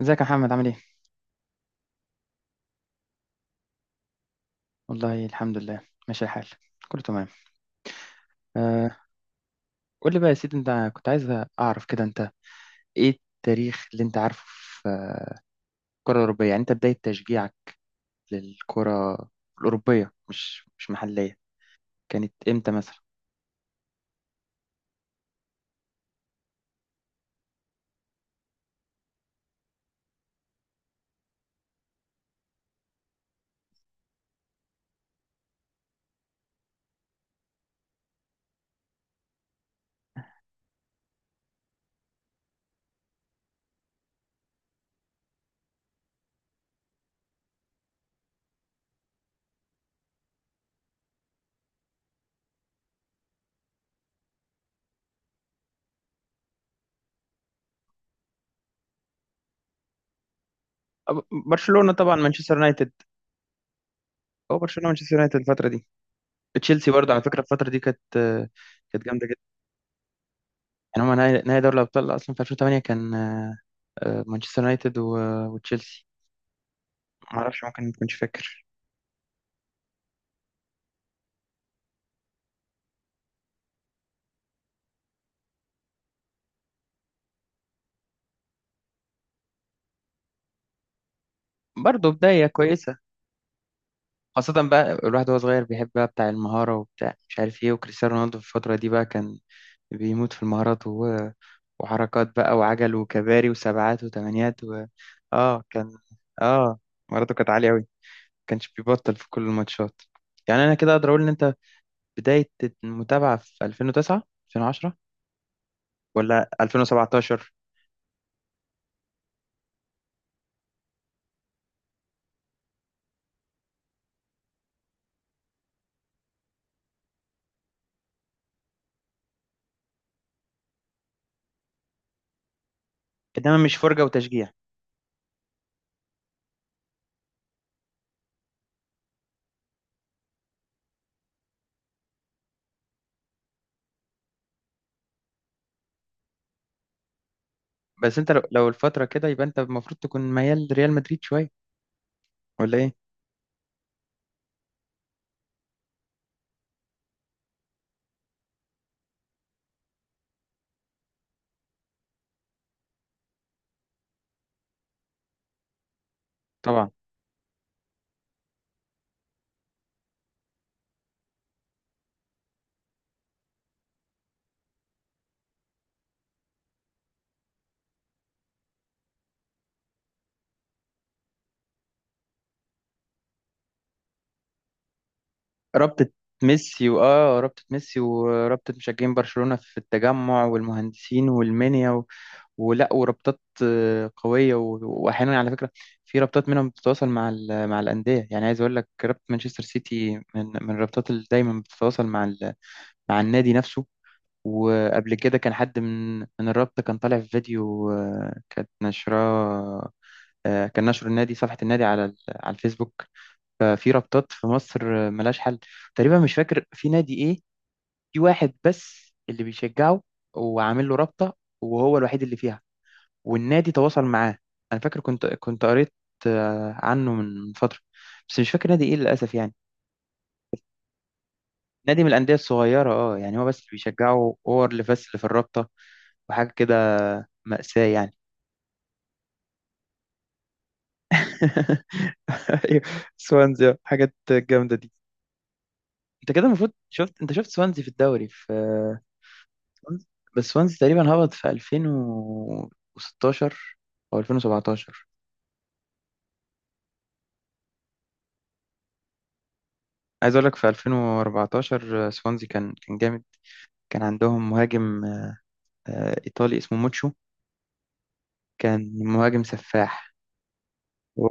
ازيك يا محمد؟ عامل ايه؟ والله الحمد لله، ماشي الحال، كله تمام. آه، قول لي بقى يا سيدي، انت كنت عايز اعرف كده انت ايه التاريخ اللي انت عارفه في الكرة الأوروبية. يعني انت بداية تشجيعك للكرة الأوروبية، مش محلية، كانت امتى مثلا؟ برشلونة طبعا، مانشستر يونايتد. هو برشلونة مانشستر يونايتد الفترة دي، تشيلسي برضه على فكرة الفترة دي كانت كانت جامدة جدا. يعني هما نهائي دوري الأبطال أصلا في 2008 كان مانشستر يونايتد وتشيلسي. معرفش، ممكن ما تكونش فاكر. برضه بداية كويسة، خاصة بقى الواحد وهو صغير بيحب بقى بتاع المهارة وبتاع مش عارف ايه، وكريستيانو رونالدو في الفترة دي بقى كان بيموت في المهارات، و... وحركات بقى وعجل وكباري وسبعات وتمانيات. و... اه كان، اه مهاراته كانت عالية أوي، كانش بيبطل في كل الماتشات. يعني أنا كده أقدر أقول إن أنت بداية المتابعة في 2009 2010 ولا 2017؟ إنما مش فرجة وتشجيع. بس أنت لو الفترة كده يبقى أنت المفروض تكون ميال ريال مدريد شوية، ولا إيه؟ طبعا، رابطة ميسي، وآه رابطة ميسي ورابطة مشجعين برشلونة في التجمع والمهندسين والمنيا، و... ولا ورابطات قوية. و... وأحيانا على فكرة في رابطات منهم بتتواصل مع ال... مع الأندية، يعني عايز أقول لك رابطة مانشستر سيتي من الرابطات اللي دايما بتتواصل مع ال... مع النادي نفسه. وقبل كده كان حد من الرابطة كان طالع في فيديو كانت نشراه، كان نشر النادي صفحة النادي على على الفيسبوك. ففي رابطات في مصر ملهاش حل. تقريبا مش فاكر في نادي ايه، في واحد بس اللي بيشجعه وعامل له رابطة وهو الوحيد اللي فيها والنادي تواصل معاه. انا فاكر كنت قريت عنه من فترة، بس مش فاكر نادي ايه للأسف يعني. نادي من الأندية الصغيرة، اه يعني هو بس اللي بيشجعه، هو اللي بس اللي في الرابطة وحاجة كده، مأساة يعني. ايوه، سوانزي، حاجات جامدة دي. انت كده المفروض شفت، انت شفت سوانزي في الدوري في وانز- بس وانز تقريبا هبط في 2016 او 2017. عايز اقول لك في 2014 سوانزي كان جامد، كان عندهم مهاجم ايطالي اسمه موتشو، كان مهاجم سفاح. هو-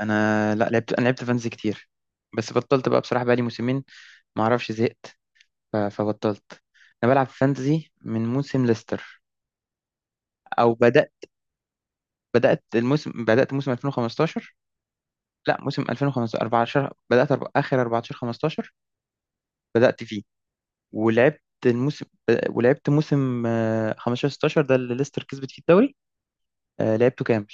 انا لا لعبت، انا لعبت فانز كتير بس بطلت بقى بصراحة بقالي موسمين، ما اعرفش زهقت فبطلت. انا بلعب فانتزي من موسم ليستر، او بدأت موسم 2015، لا موسم 2015 14، بدأت آخر 14 15 بدأت فيه ولعبت الموسم، ولعبت موسم 15 16، ده اللي ليستر كسبت فيه الدوري، لعبته كامل.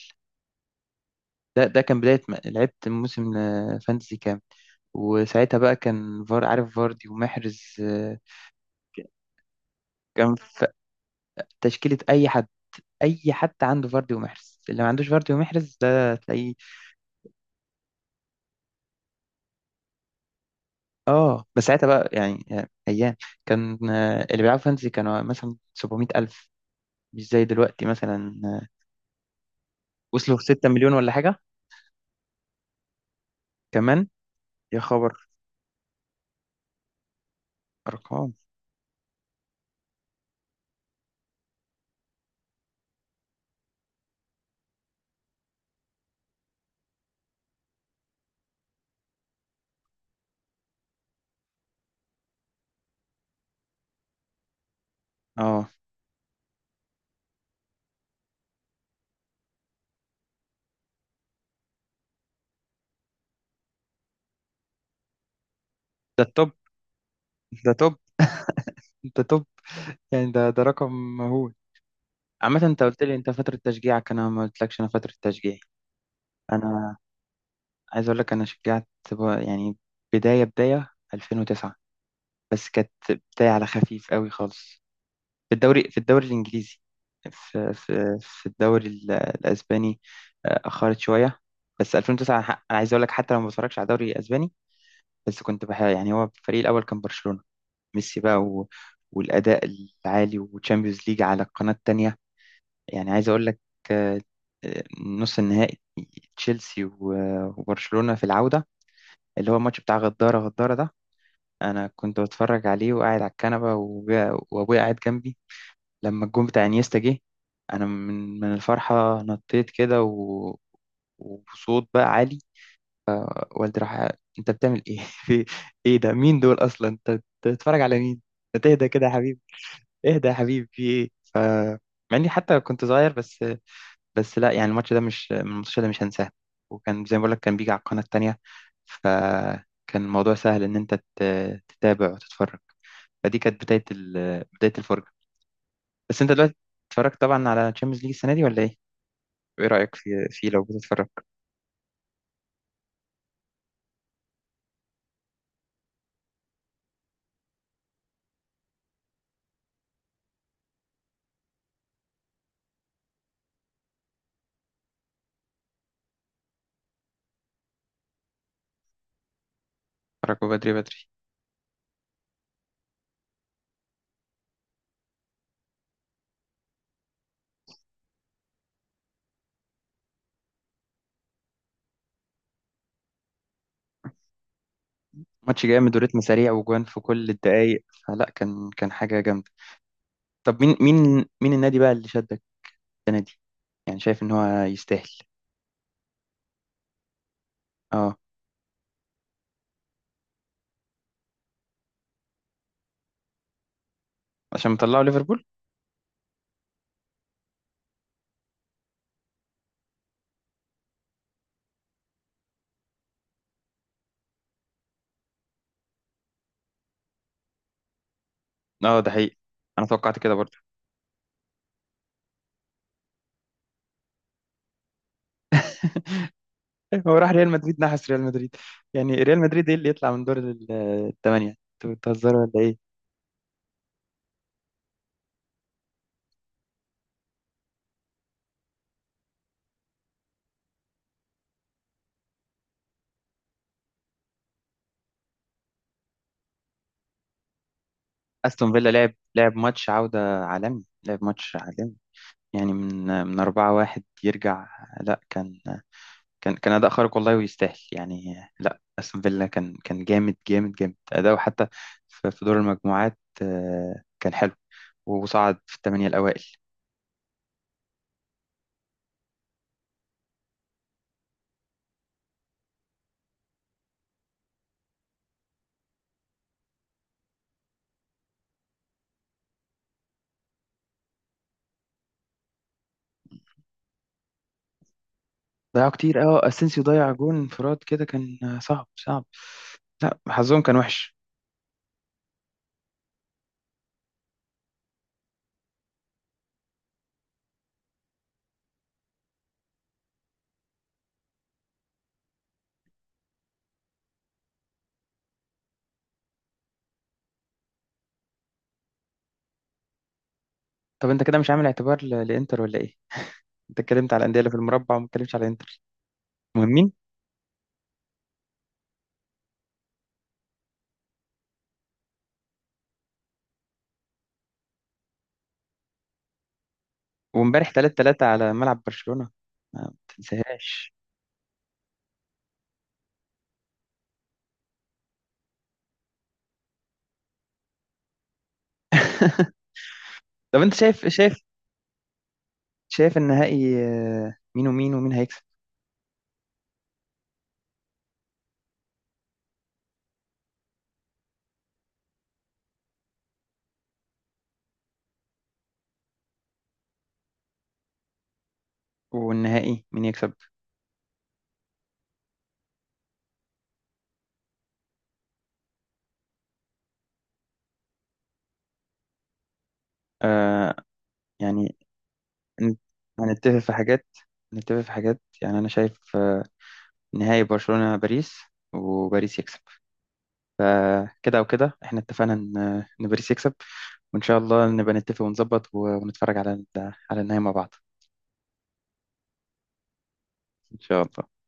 ده كان بداية ما لعبت موسم فانتسي كامل. وساعتها بقى كان فار عارف، فاردي ومحرز كان في تشكيلة أي حد، أي حد عنده فاردي ومحرز، اللي ما عندوش فاردي ومحرز ده تلاقيه. اه بس ساعتها بقى يعني، أيام كان اللي بيلعبوا فانتسي كانوا مثلا 700 ألف، مش زي دلوقتي مثلا، وصلوا في 6 مليون ولا حاجة كمان. يا خبر، أرقام. اه ده التوب، ده توب، ده توب، يعني ده رقم مهول. عامة انت قلت لي انت فترة تشجيعك، انا ما قلتلكش انا فترة تشجيعي. انا عايز اقول لك انا شجعت يعني بداية 2009، بس كانت بداية على خفيف قوي خالص في الدوري، في الدوري الانجليزي، في في في الدوري الاسباني اخرت شوية. بس 2009 انا عايز اقول لك حتى لو ما بتفرجش على الدوري الاسباني، بس كنت بح يعني، هو الفريق الاول كان برشلونة، ميسي بقى و... والأداء العالي وتشامبيونز ليج على القناة التانية. يعني عايز أقول لك آه، نص النهائي تشيلسي وبرشلونة في العودة، اللي هو الماتش بتاع غدارة ده. أنا كنت بتفرج عليه وقاعد على الكنبة، وأبويا قاعد جنبي. لما الجون بتاع انيستا جه، أنا من الفرحة نطيت كده، و... وصوت بقى عالي. والدي راح: أنت بتعمل إيه؟ في إيه ده؟ مين دول أصلا؟ أنت بتتفرج على مين؟ ما تهدى كده يا حبيبي، اهدى يا حبيبي، في ايه. ف مع اني حتى كنت صغير، بس بس لا يعني الماتش ده مش، من الماتش ده مش هنساه. وكان زي ما بقول لك كان بيجي على القناة التانية، فكان الموضوع سهل ان انت تتابع وتتفرج. فدي كانت بداية ال... بداية الفرجة. بس انت دلوقتي اتفرجت طبعا على تشامبيونز ليج السنة دي، ولا ايه؟ وايه رأيك في في لو بتتفرج؟ اتفرجوا بدري بدري. ماتش جامد وريتم سريع وجوان في كل الدقايق، فلا كان حاجة جامدة. طب مين النادي بقى اللي شدك السنة دي؟ يعني شايف ان هو يستاهل؟ آه. عشان مطلعوا ليفربول. اه ده حقيقي، انا توقعت كده برضه. إيه، هو راح ريال مدريد نحس ريال مدريد. يعني ريال مدريد ايه اللي يطلع من دور الثمانيه؟ انتوا بتهزروا ولا ايه؟ استون فيلا لعب، لعب ماتش عوده عالمي، لعب ماتش عالمي. يعني من 4-1 يرجع. لا كان، كان اداء خارق والله ويستاهل يعني. لا استون فيلا كان، كان جامد اداؤه. حتى في في دور المجموعات كان حلو وصعد في الثمانيه الاوائل. ضيعوا كتير، اه اسينسيو ضيع جون انفراد كده، كان صعب صعب، لا حظهم كان وحش. طب انت كده مش عامل اعتبار لانتر ولا ايه؟ انت اتكلمت على الانديه اللي في المربع وما اتكلمتش على انتر. مهمين. وامبارح 3-3 على ملعب برشلونه، ما تنساهاش. طب انت شايف النهائي مين ومين، ومين هيكسب؟ والنهائي مين يكسب؟ آه. يعني هن- هنتفق في حاجات هنتفق في حاجات. يعني انا شايف نهائي برشلونه باريس، وباريس يكسب. فكده وكده احنا اتفقنا ان، ان باريس يكسب. وان شاء الله نبقى نتفق ونظبط ونتفرج على على النهاية مع بعض. ان شاء الله.